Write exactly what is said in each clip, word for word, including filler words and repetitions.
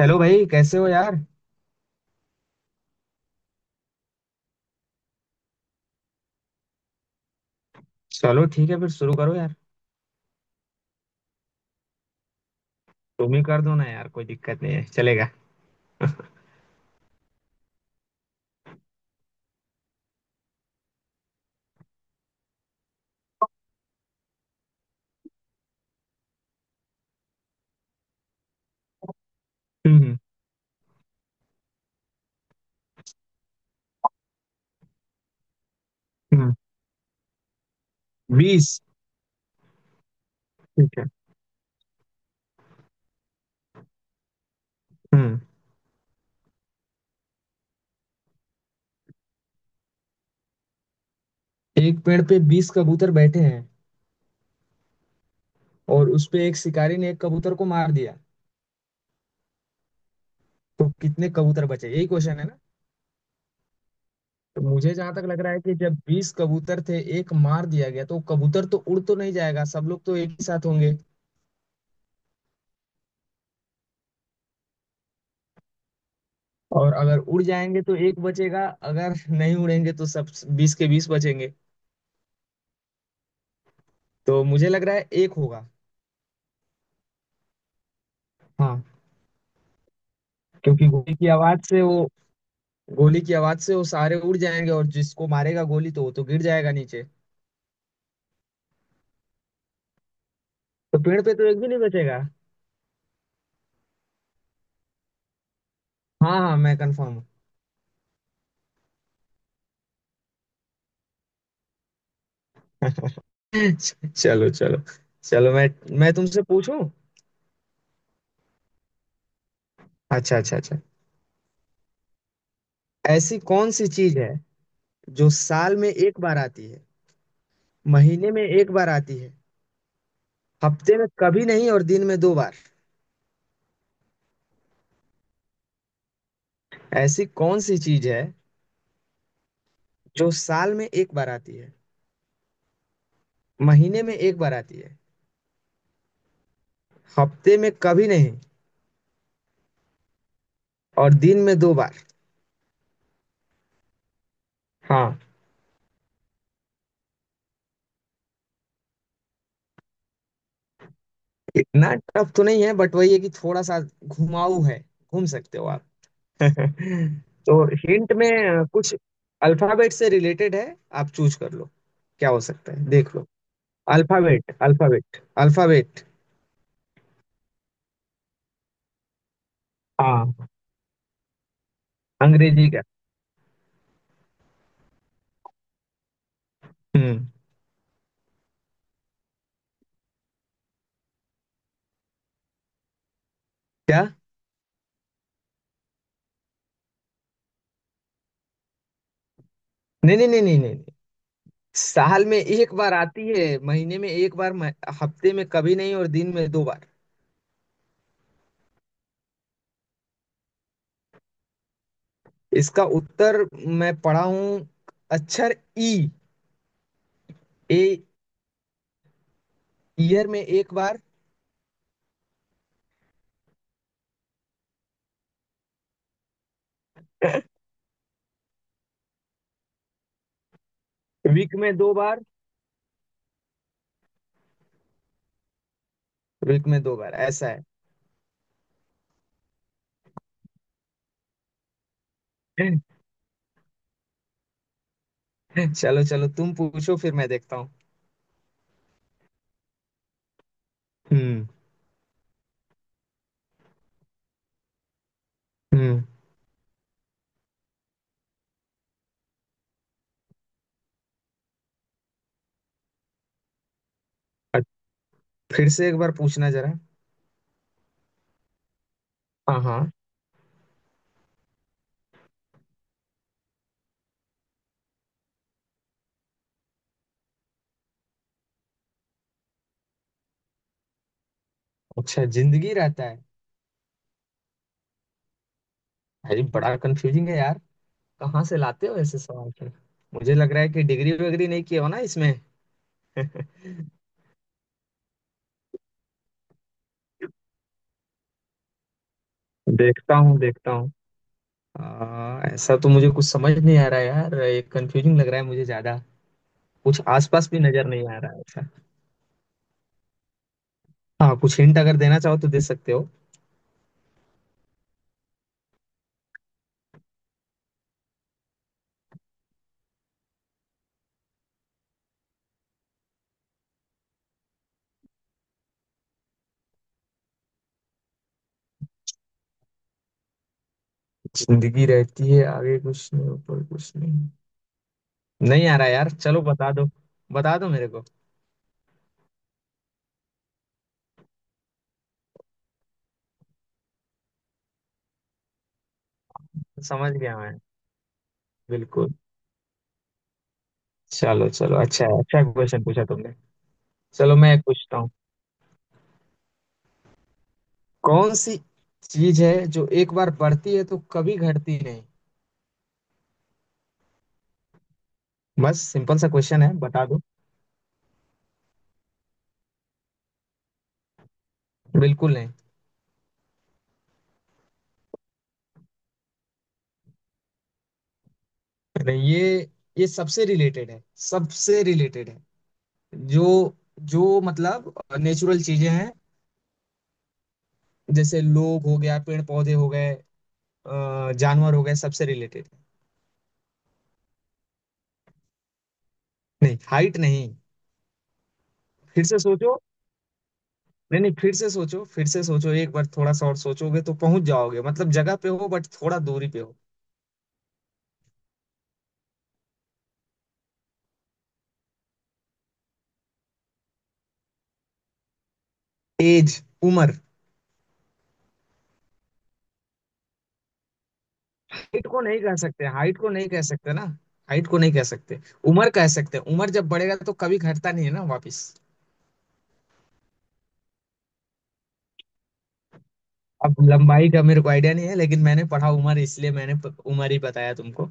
Hello भाई, कैसे हो यार। चलो, ठीक है, फिर शुरू करो यार। तुम ही कर दो ना यार, कोई दिक्कत नहीं है, चलेगा। हम्म। हम्म। बीस। ठीक है। हम्म। एक पेड़ पे बीस कबूतर बैठे हैं, और उस पे एक शिकारी ने एक कबूतर को मार दिया। तो कितने कबूतर बचे, यही क्वेश्चन है ना? तो मुझे जहां तक लग रहा है कि जब बीस कबूतर थे एक मार दिया गया, तो कबूतर तो उड़ तो नहीं जाएगा, सब लोग तो एक ही साथ होंगे। और अगर उड़ जाएंगे तो एक बचेगा, अगर नहीं उड़ेंगे तो सब बीस के बीस बचेंगे। तो मुझे लग रहा है एक होगा। हाँ। क्योंकि गोली की आवाज से वो, गोली की आवाज से वो सारे उड़ जाएंगे और जिसको मारेगा गोली तो वो तो गिर जाएगा नीचे। तो पेड़ पे तो एक भी नहीं बचेगा। हाँ हाँ, मैं कंफर्म हूँ। चलो चलो। चलो, मैं मैं तुमसे पूछूं। अच्छा अच्छा अच्छा। ऐसी कौन सी चीज है जो साल में एक बार आती है, महीने में एक बार आती है, हफ्ते में कभी नहीं और दिन में दो बार? ऐसी कौन सी चीज है जो साल में एक बार आती है, महीने में एक बार आती है, हफ्ते में कभी नहीं और दिन में दो बार? हाँ। इतना टफ तो नहीं है, बट वही है कि थोड़ा सा घुमाऊ है। घूम सकते हो आप। तो हिंट में अ, कुछ अल्फाबेट से रिलेटेड है। आप चूज कर लो, क्या हो सकता है देख लो। Alphabet, alphabet, alphabet. हाँ, अंग्रेजी का। हम्म। क्या? नहीं नहीं नहीं नहीं नहीं नहीं। साल में एक बार आती है, महीने में एक बार मह- हफ्ते में कभी नहीं और दिन में दो बार। इसका उत्तर मैं पढ़ा हूँ। अक्षर ई। ए। ईयर में एक बार। वीक में दो बार। वीक में दो बार ऐसा है। चलो चलो, तुम पूछो फिर मैं देखता हूँ। हम्म। हम्म। अ- फिर से एक बार पूछना जरा। हाँ हाँ। अच्छा, जिंदगी रहता है। भाई बड़ा कंफ्यूजिंग है यार। कहाँ से लाते हो ऐसे सवाल फिर? मुझे लग रहा है कि डिग्री वगैरह नहीं किया हो ना इसमें। देखता हूँ देखता हूँ। आ, ऐसा तो मुझे कुछ समझ नहीं आ रहा है यार, ये कंफ्यूजिंग लग रहा है मुझे ज्यादा। कुछ आसपास भी नजर नहीं आ रहा है ऐसा। हाँ, कुछ हिंट अगर देना चाहो तो दे सकते हो। जिंदगी रहती है, आगे कुछ नहीं, ऊपर कुछ नहीं। नहीं आ रहा यार, चलो बता दो। बता दो मेरे को। समझ गया मैं। बिल्कुल। चलो चलो, अच्छा है, अच्छा क्वेश्चन पूछा तुमने। चलो मैं एक पूछता हूँ। कौन सी चीज है जो एक बार बढ़ती है तो कभी घटती नहीं? बस सिंपल सा क्वेश्चन है, बता दो। बिल्कुल नहीं। अरे ये ये सबसे रिलेटेड है, सबसे रिलेटेड है। जो, जो मतलब नेचुरल चीजें हैं, जैसे लोग हो गया, पेड़ पौधे हो गए, अ, जानवर हो गए, सबसे रिलेटेड। नहीं, हाइट नहीं। फिर से सोचो। नहीं नहीं, फिर से सोचो, फिर से सोचो, एक बार थोड़ा सा और सोचोगे तो पहुंच जाओगे, मतलब जगह पे हो बट थोड़ा दूरी पे हो। एज, उम्र। हाइट को नहीं कह सकते, हाइट को नहीं कह सकते ना, हाइट को नहीं कह सकते। उम्र कह सकते हैं। उम्र जब बढ़ेगा तो कभी घटता नहीं है ना वापस। अब लंबाई का मेरे को आइडिया नहीं है, लेकिन मैंने पढ़ा उम्र, इसलिए मैंने प- उम्र ही बताया तुमको।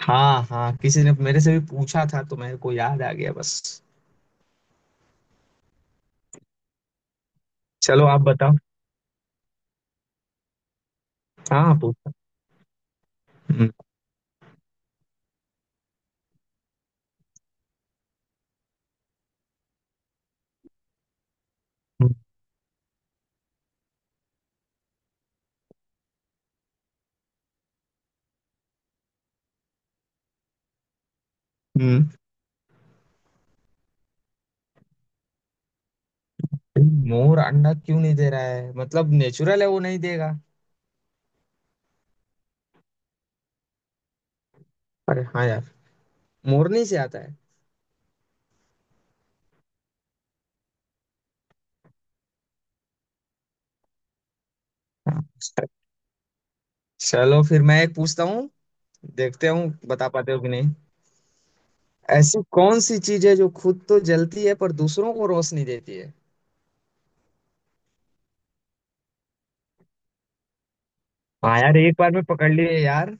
हाँ हाँ, किसी ने मेरे से भी पूछा था तो मेरे को याद आ गया बस। चलो आप बताओ। हाँ, पूछो। हम्म। हम्म। हम्म। मोर अंडा क्यों नहीं दे रहा है मतलब, नेचुरल है वो नहीं देगा। अरे हाँ यार, मोरनी से आता है। हाँ। चलो फिर मैं एक पूछता हूँ। देखते हूँ बता पाते हो कि नहीं। ऐसी कौन सी चीज है जो खुद तो जलती है पर दूसरों को रोशनी देती है? हाँ यार, एक बार में पकड़ लिए यार।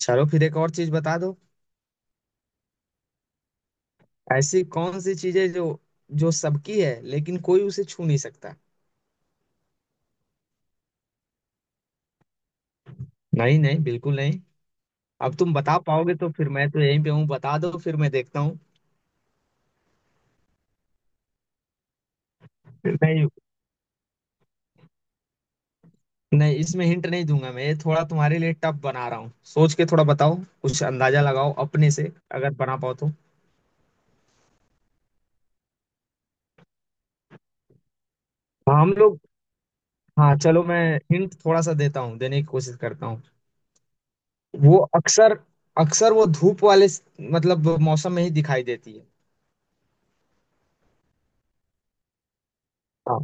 चलो फिर एक और चीज बता दो। ऐसी कौन सी चीज है जो जो सबकी है लेकिन कोई उसे छू नहीं सकता? नहीं नहीं, बिल्कुल नहीं। अब तुम बता पाओगे तो, फिर मैं तो यहीं पे हूँ, बता दो फिर मैं देखता हूँ। नहीं। नहीं इसमें हिंट नहीं दूंगा मैं, ये थोड़ा तुम्हारे लिए टफ बना रहा हूँ, सोच के थोड़ा बताओ, कुछ अंदाजा लगाओ अपने से, अगर बना पाओ तो। हाँ, हम लोग। हाँ, चलो मैं हिंट थोड़ा सा देता हूँ, देने की कोशिश करता हूँ। वो अक्सर अक्सर वो धूप वाले स- मतलब मौसम में ही दिखाई देती है। हाँ,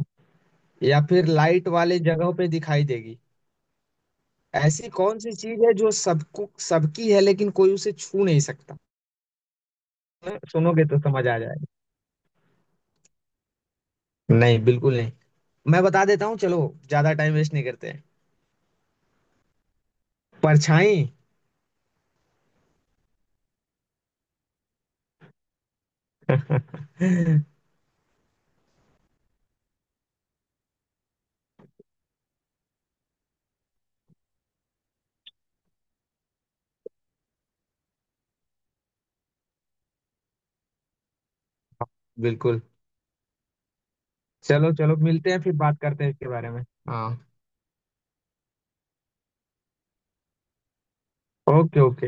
या फिर लाइट वाले जगहों पे दिखाई देगी। ऐसी कौन सी चीज है जो सबको सबकी है लेकिन कोई उसे छू नहीं सकता? सुनोगे तो समझ आ जाएगा। नहीं, बिल्कुल नहीं। मैं बता देता हूँ, चलो ज्यादा टाइम वेस्ट नहीं करते हैं। परछाई। बिल्कुल। चलो चलो मिलते हैं, फिर बात करते हैं इसके बारे में। हाँ। Okay okay.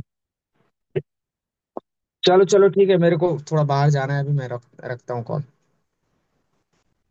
चलो चलो ठीक है, मेरे को थोड़ा बाहर जाना है अभी, मैं रख, रखता हूँ कॉल।